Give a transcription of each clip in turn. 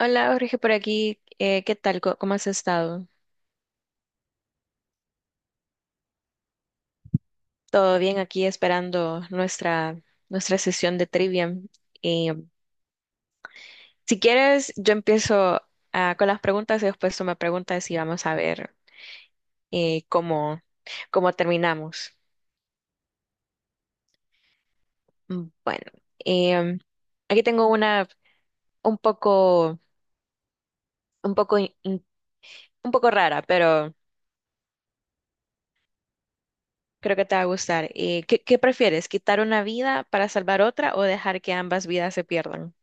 Hola Jorge, por aquí. ¿Qué tal? ¿Cómo has estado? Todo bien aquí esperando nuestra sesión de trivia. Y, si quieres, yo empiezo con las preguntas y después tú me preguntas y vamos a ver, cómo, cómo terminamos. Bueno, em, aquí tengo una, un poco, un poco, in- in- un poco rara, pero creo que te va a gustar. ¿Qué prefieres? ¿Quitar una vida para salvar otra o dejar que ambas vidas se pierdan?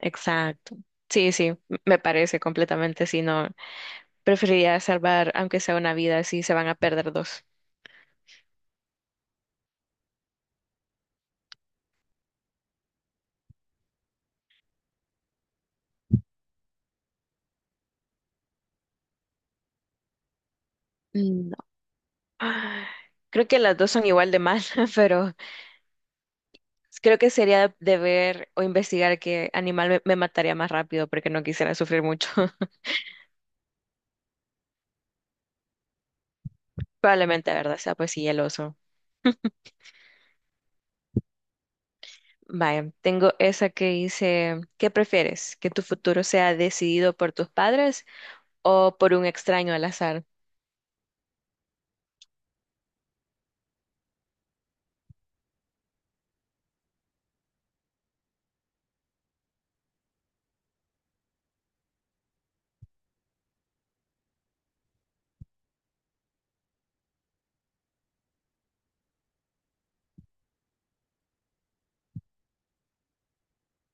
Exacto. Sí, sí, me parece completamente. Si no, preferiría salvar, aunque sea una vida, si se van a perder dos. Mm, no. Ah, Creo que las dos son igual de mal, pero creo que sería de ver o investigar qué animal me mataría más rápido porque no quisiera sufrir mucho. Probablemente, la verdad, sea, pues sí, el oso. Vaya, tengo esa que dice, ¿qué prefieres? ¿Que tu futuro sea decidido por tus padres o por un extraño al azar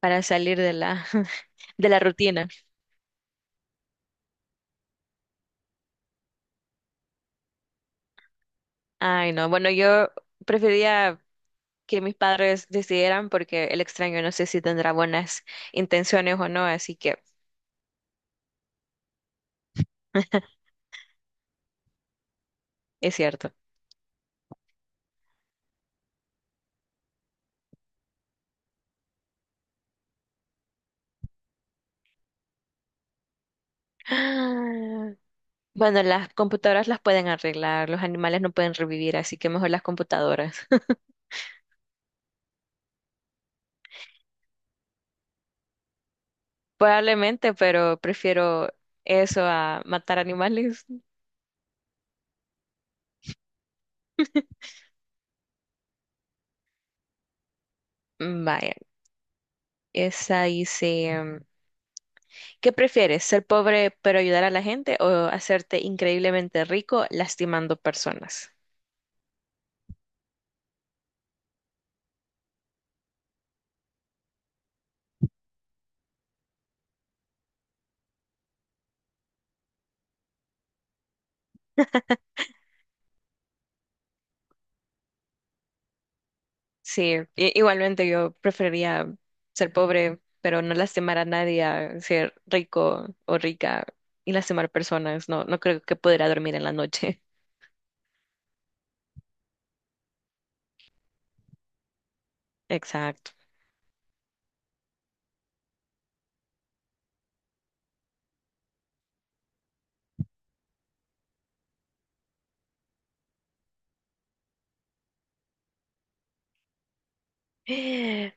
para salir de la, de la rutina? Ay, no. Bueno, yo prefería que mis padres decidieran porque el extraño no sé si tendrá buenas intenciones o no, así que es cierto. Ah, Bueno, las computadoras las pueden arreglar, los animales no pueden revivir, así que mejor las computadoras. Probablemente, pero prefiero eso a matar animales. Mm, vaya, esa dice, ¿qué prefieres? ¿Ser pobre pero ayudar a la gente o hacerte increíblemente rico lastimando personas? Sí, igualmente yo preferiría ser pobre, pero no lastimar a nadie, a ser rico o rica y lastimar personas. No, no creo que podrá dormir en la noche. Exacto.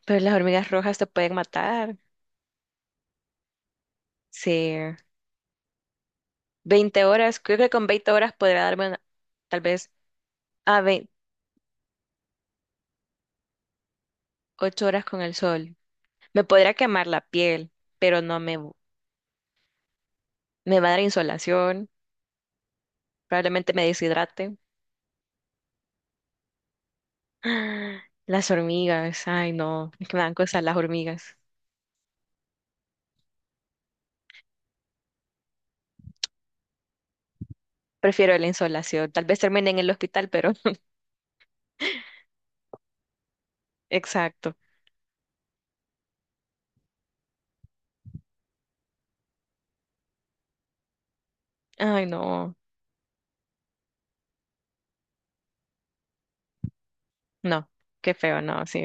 Pero las hormigas rojas te pueden matar. Sí. 20 horas, creo que con veinte horas podría darme una, tal vez a 8 horas con el sol. Me podría quemar la piel, pero no me, me va a dar insolación. Probablemente me deshidrate. Las hormigas, ay no, es que me dan cosas las hormigas. Prefiero la insolación. Tal vez termine en el hospital, pero exacto. Ay no, no, qué feo, no, sí.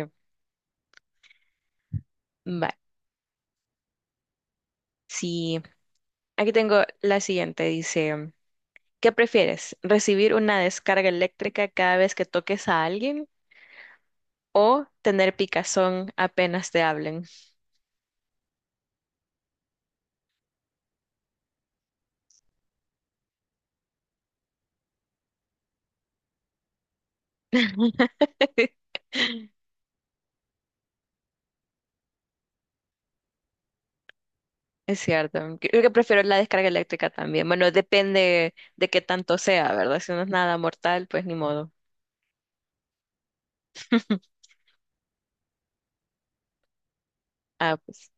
Vale, sí. Aquí tengo la siguiente, dice, ¿qué prefieres? ¿Recibir una descarga eléctrica cada vez que toques a alguien o tener picazón apenas te hablen? Es cierto, creo que prefiero la descarga eléctrica también. Bueno, depende de qué tanto sea, ¿verdad? Si no es nada mortal, pues ni modo. Pues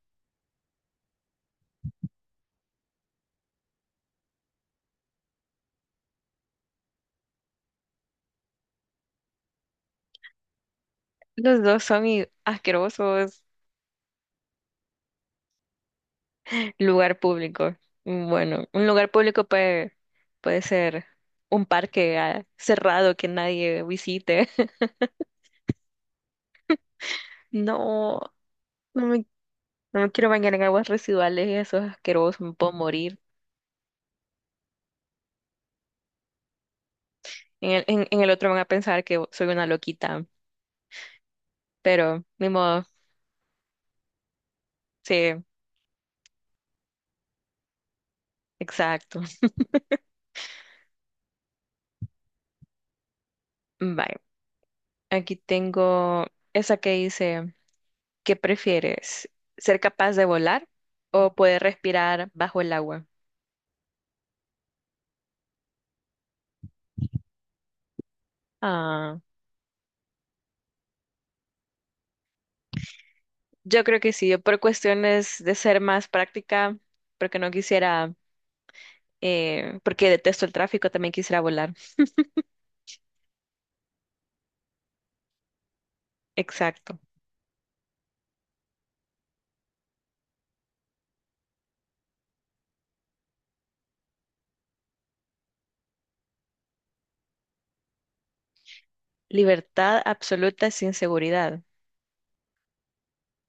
los dos son asquerosos. Lugar público. Mm, bueno, un lugar público puede, puede ser un parque, cerrado, que nadie visite. No, no me, no me quiero bañar en aguas residuales y eso es asqueroso, me puedo morir. En el otro van a pensar que soy una loquita, pero ni modo, sí, exacto. Bye. Aquí tengo esa que dice, ¿qué prefieres? ¿Ser capaz de volar o poder respirar bajo el agua? Ah, yo creo que sí, yo por cuestiones de ser más práctica, porque no quisiera, porque detesto el tráfico, también quisiera volar. Exacto. Libertad absoluta sin seguridad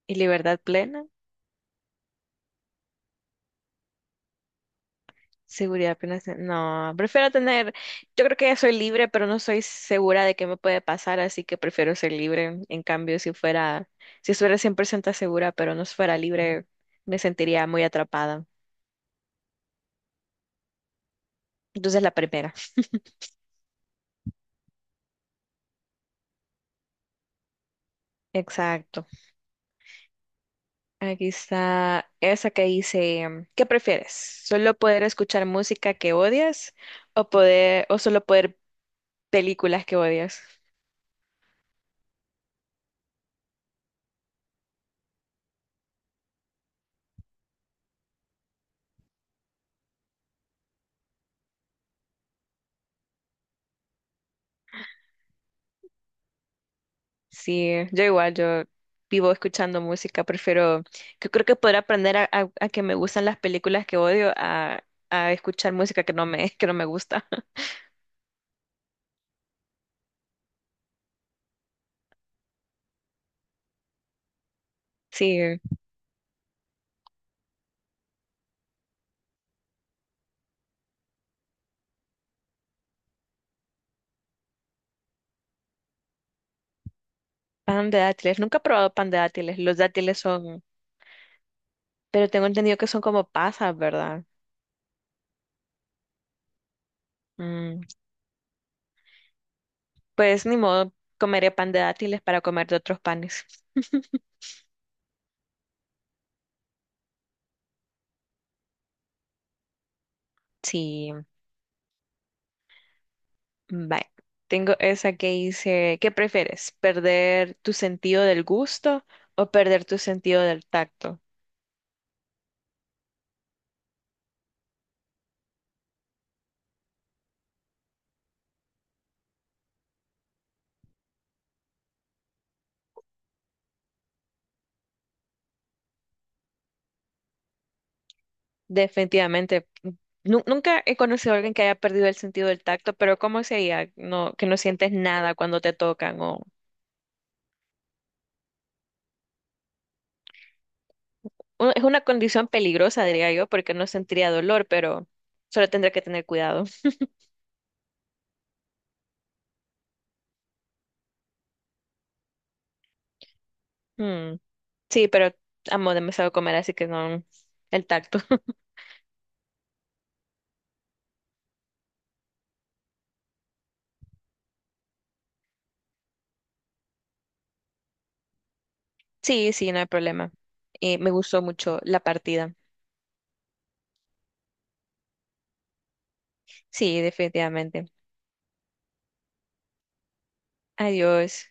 y libertad plena. Seguridad apenas. No, prefiero tener, yo creo que ya soy libre, pero no soy segura de qué me puede pasar, así que prefiero ser libre. En cambio, si estuviera 100% segura, pero no fuera libre, me sentiría muy atrapada. Entonces, la primera. Exacto. Aquí está esa que dice, ¿qué prefieres? ¿Solo poder escuchar música que odias o poder, o solo poder películas que odias? Sí, yo igual, yo vivo escuchando música, prefiero, yo creo que poder aprender a, a que me gustan las películas que odio, a escuchar música que no me, que no me gusta. Sí, pan de dátiles, nunca he probado pan de dátiles, los dátiles son, pero tengo entendido que son como pasas, ¿verdad? Mm, pues ni modo, comeré pan de dátiles para comer de otros panes. Sí, bye. Tengo esa que dice, ¿qué prefieres? ¿Perder tu sentido del gusto o perder tu sentido del tacto? Definitivamente. Nunca he conocido a alguien que haya perdido el sentido del tacto, pero ¿cómo sería? No, que no sientes nada cuando te tocan o es una condición peligrosa, diría yo, porque no sentiría dolor, pero solo tendría que tener cuidado. Mm, sí, pero amo demasiado comer, así que no el tacto. Sí, sí, no hay problema. Me gustó mucho la partida. Sí, definitivamente. Adiós.